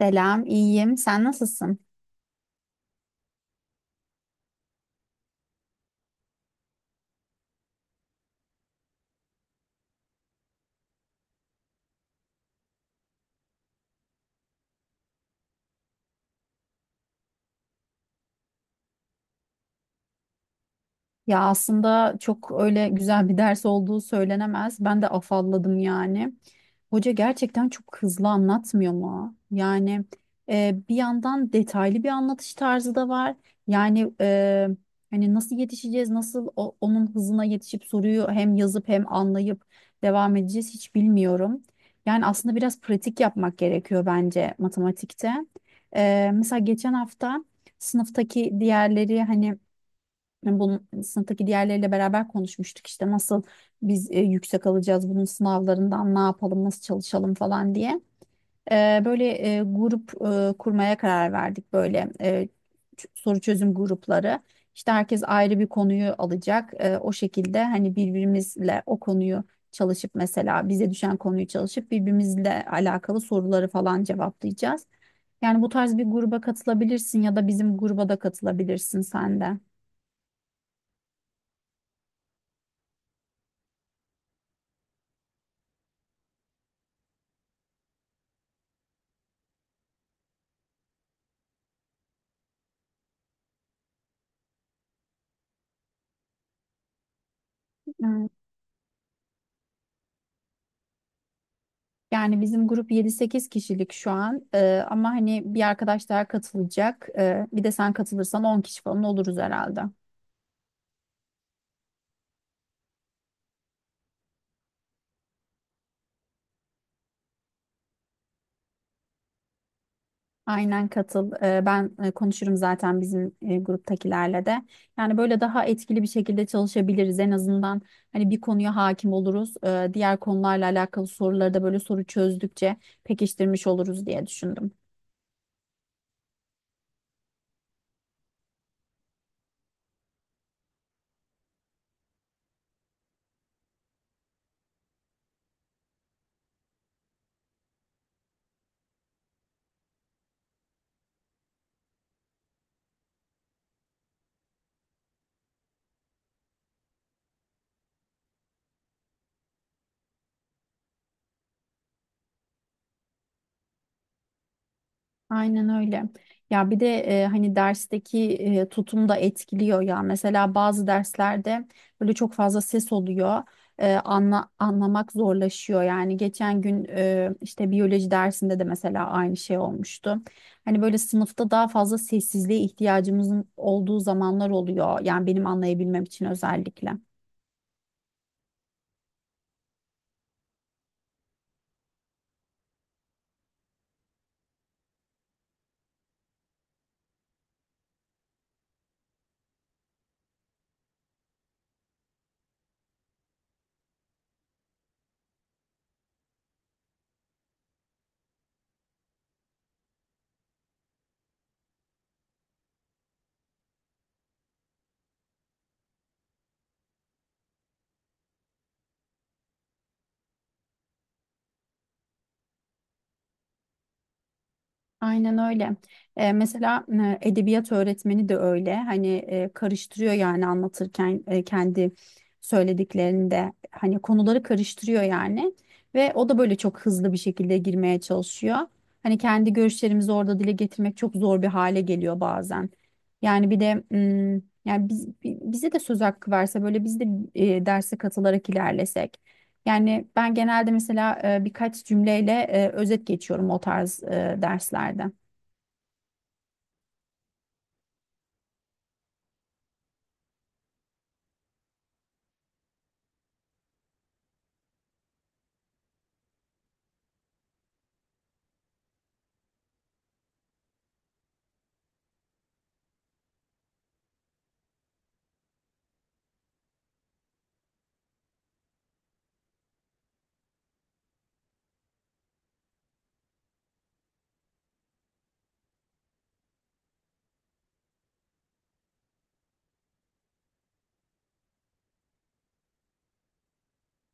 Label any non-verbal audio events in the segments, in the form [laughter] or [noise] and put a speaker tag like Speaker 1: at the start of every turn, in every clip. Speaker 1: Selam, iyiyim. Sen nasılsın? Ya aslında çok öyle güzel bir ders olduğu söylenemez. Ben de afalladım yani. Hoca gerçekten çok hızlı anlatmıyor mu? Yani bir yandan detaylı bir anlatış tarzı da var. Yani hani nasıl yetişeceğiz, nasıl onun hızına yetişip soruyu hem yazıp hem anlayıp devam edeceğiz hiç bilmiyorum. Yani aslında biraz pratik yapmak gerekiyor bence matematikte. Mesela geçen hafta sınıftaki diğerleri hani bunun sınıftaki diğerleriyle beraber konuşmuştuk işte nasıl biz yüksek alacağız bunun sınavlarından ne yapalım nasıl çalışalım falan diye. Böyle grup kurmaya karar verdik böyle soru çözüm grupları. İşte herkes ayrı bir konuyu alacak. O şekilde hani birbirimizle o konuyu çalışıp mesela bize düşen konuyu çalışıp birbirimizle alakalı soruları falan cevaplayacağız. Yani bu tarz bir gruba katılabilirsin ya da bizim gruba da katılabilirsin sen de. Evet. Yani bizim grup 7-8 kişilik şu an. Ama hani bir arkadaş daha katılacak. Bir de sen katılırsan 10 kişi falan oluruz herhalde. Aynen katıl. Ben konuşurum zaten bizim gruptakilerle de. Yani böyle daha etkili bir şekilde çalışabiliriz. En azından hani bir konuya hakim oluruz. Diğer konularla alakalı soruları da böyle soru çözdükçe pekiştirmiş oluruz diye düşündüm. Aynen öyle. Ya bir de hani dersteki tutum da etkiliyor ya. Mesela bazı derslerde böyle çok fazla ses oluyor. Anlamak zorlaşıyor. Yani geçen gün işte biyoloji dersinde de mesela aynı şey olmuştu. Hani böyle sınıfta daha fazla sessizliğe ihtiyacımızın olduğu zamanlar oluyor. Yani benim anlayabilmem için özellikle. Aynen öyle. Mesela edebiyat öğretmeni de öyle. Hani karıştırıyor yani anlatırken kendi söylediklerinde hani konuları karıştırıyor yani ve o da böyle çok hızlı bir şekilde girmeye çalışıyor. Hani kendi görüşlerimizi orada dile getirmek çok zor bir hale geliyor bazen. Yani bir de yani bize de söz hakkı verse böyle biz de derse katılarak ilerlesek. Yani ben genelde mesela birkaç cümleyle özet geçiyorum o tarz derslerde.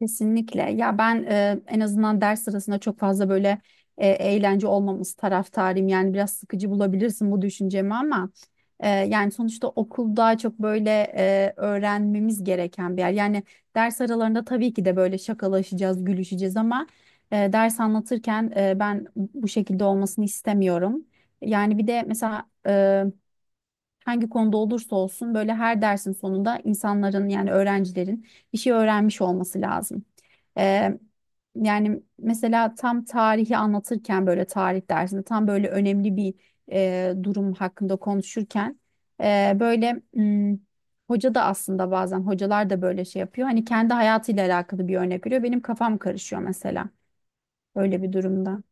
Speaker 1: Kesinlikle. Ya ben en azından ders sırasında çok fazla böyle eğlence olmaması taraftarıyım. Yani biraz sıkıcı bulabilirsin bu düşüncemi ama yani sonuçta okulda çok böyle öğrenmemiz gereken bir yer. Yani ders aralarında tabii ki de böyle şakalaşacağız, gülüşeceğiz ama ders anlatırken ben bu şekilde olmasını istemiyorum. Yani bir de mesela hangi konuda olursa olsun böyle her dersin sonunda insanların yani öğrencilerin bir şey öğrenmiş olması lazım. Ee, Yani mesela tam tarihi anlatırken böyle tarih dersinde tam böyle önemli bir durum hakkında konuşurken böyle hoca da aslında bazen hocalar da böyle şey yapıyor. Hani kendi hayatıyla alakalı bir örnek veriyor. Benim kafam karışıyor mesela. Öyle bir durumda.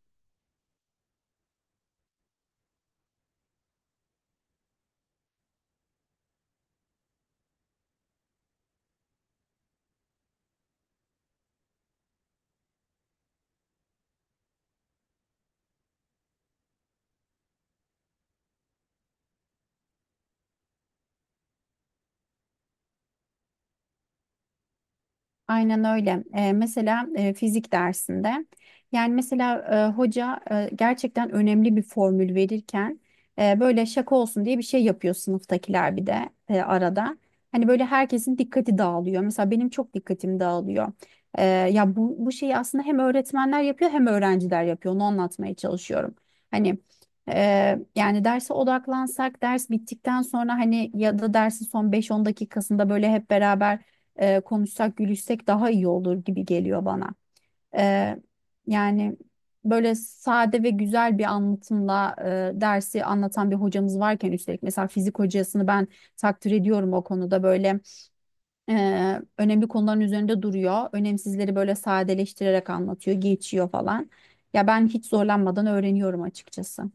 Speaker 1: Aynen öyle. Mesela fizik dersinde yani mesela hoca gerçekten önemli bir formül verirken böyle şaka olsun diye bir şey yapıyor sınıftakiler bir de arada. Hani böyle herkesin dikkati dağılıyor. Mesela benim çok dikkatim dağılıyor. Ya bu şeyi aslında hem öğretmenler yapıyor hem öğrenciler yapıyor. Onu anlatmaya çalışıyorum. Hani yani derse odaklansak ders bittikten sonra hani ya da dersin son 5-10 dakikasında böyle hep beraber konuşsak, gülüşsek daha iyi olur gibi geliyor bana. E, Yani böyle sade ve güzel bir anlatımla dersi anlatan bir hocamız varken üstelik mesela fizik hocasını ben takdir ediyorum o konuda böyle önemli konuların üzerinde duruyor. Önemsizleri böyle sadeleştirerek anlatıyor, geçiyor falan. Ya ben hiç zorlanmadan öğreniyorum açıkçası.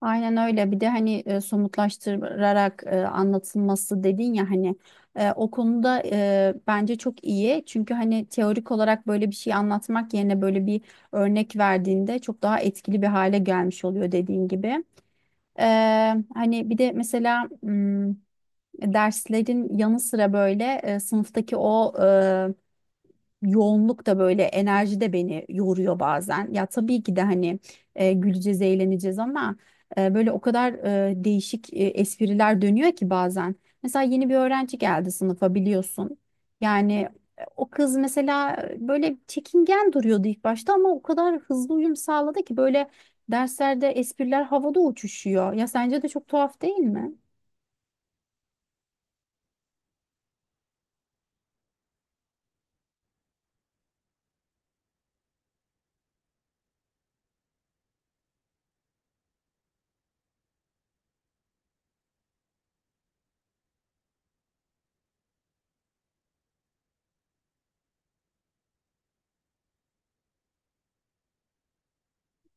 Speaker 1: Aynen öyle. Bir de hani somutlaştırarak anlatılması dedin ya hani o konuda bence çok iyi. Çünkü hani teorik olarak böyle bir şey anlatmak yerine böyle bir örnek verdiğinde çok daha etkili bir hale gelmiş oluyor dediğin gibi. E, Hani bir de mesela derslerin yanı sıra böyle sınıftaki o yoğunluk da böyle enerji de beni yoruyor bazen. Ya tabii ki de hani güleceğiz, eğleneceğiz ama böyle o kadar değişik espriler dönüyor ki bazen. Mesela yeni bir öğrenci geldi sınıfa biliyorsun. Yani o kız mesela böyle çekingen duruyordu ilk başta ama o kadar hızlı uyum sağladı ki böyle derslerde espriler havada uçuşuyor. Ya sence de çok tuhaf değil mi?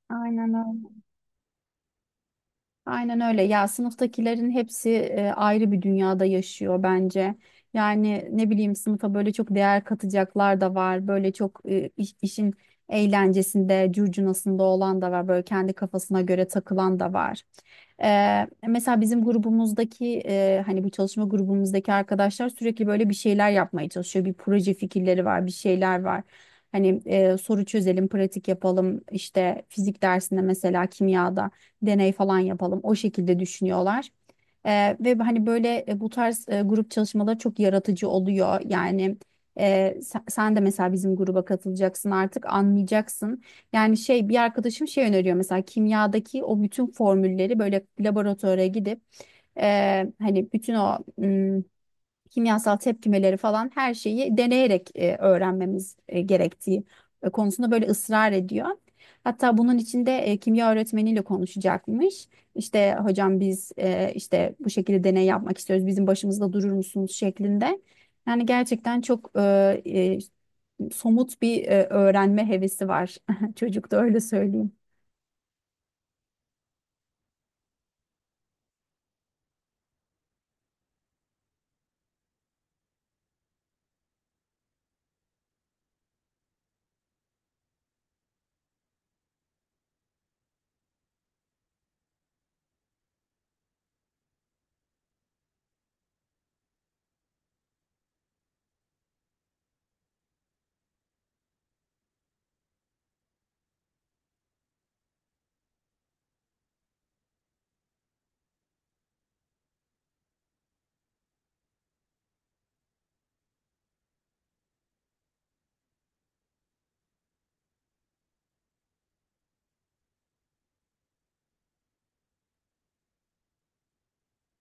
Speaker 1: Aynen öyle. Aynen öyle. Ya sınıftakilerin hepsi ayrı bir dünyada yaşıyor bence. Yani ne bileyim sınıfa böyle çok değer katacaklar da var. Böyle çok işin eğlencesinde, curcunasında olan da var. Böyle kendi kafasına göre takılan da var. Mesela bizim grubumuzdaki hani bu çalışma grubumuzdaki arkadaşlar sürekli böyle bir şeyler yapmaya çalışıyor. Bir proje fikirleri var, bir şeyler var. Hani soru çözelim, pratik yapalım. İşte fizik dersinde mesela kimyada deney falan yapalım. O şekilde düşünüyorlar. Ve hani böyle bu tarz grup çalışmaları çok yaratıcı oluyor. Yani sen de mesela bizim gruba katılacaksın artık anlayacaksın. Yani şey bir arkadaşım şey öneriyor mesela kimyadaki o bütün formülleri böyle laboratuvara gidip hani bütün o kimyasal tepkimeleri falan her şeyi deneyerek öğrenmemiz gerektiği konusunda böyle ısrar ediyor. Hatta bunun içinde kimya öğretmeniyle konuşacakmış. İşte hocam biz işte bu şekilde deney yapmak istiyoruz. Bizim başımızda durur musunuz şeklinde. Yani gerçekten çok e, somut bir öğrenme hevesi var. [laughs] Çocukta öyle söyleyeyim.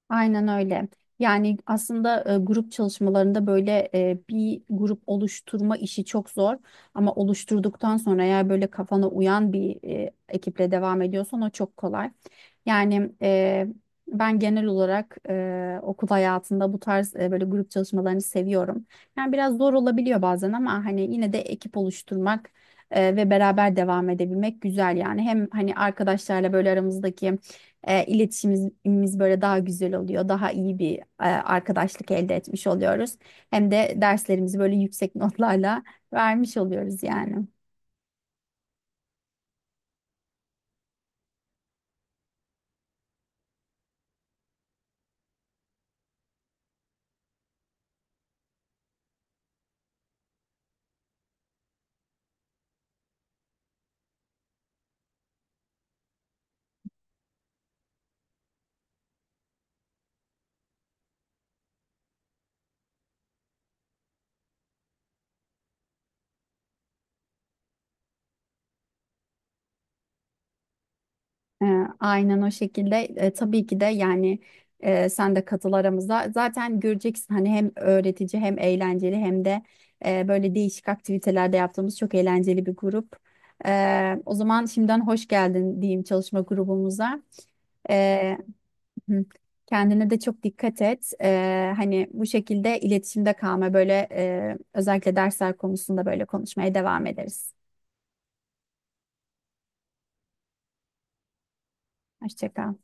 Speaker 1: Aynen öyle. Yani aslında grup çalışmalarında böyle bir grup oluşturma işi çok zor ama oluşturduktan sonra eğer böyle kafana uyan bir ekiple devam ediyorsan o çok kolay. Yani ben genel olarak okul hayatında bu tarz böyle grup çalışmalarını seviyorum. Yani biraz zor olabiliyor bazen ama hani yine de ekip oluşturmak ve beraber devam edebilmek güzel yani. Hem hani arkadaşlarla böyle aramızdaki iletişimimiz böyle daha güzel oluyor. Daha iyi bir arkadaşlık elde etmiş oluyoruz. Hem de derslerimizi böyle yüksek [laughs] notlarla vermiş oluyoruz yani. E, aynen o şekilde. Tabii ki de yani sen de katıl aramıza. Zaten göreceksin hani hem öğretici hem eğlenceli hem de böyle değişik aktivitelerde yaptığımız çok eğlenceli bir grup. O zaman şimdiden hoş geldin diyeyim çalışma grubumuza. E, Hı. Kendine de çok dikkat et. Hani bu şekilde iletişimde kalma böyle özellikle dersler konusunda böyle konuşmaya devam ederiz. Hoşça kal.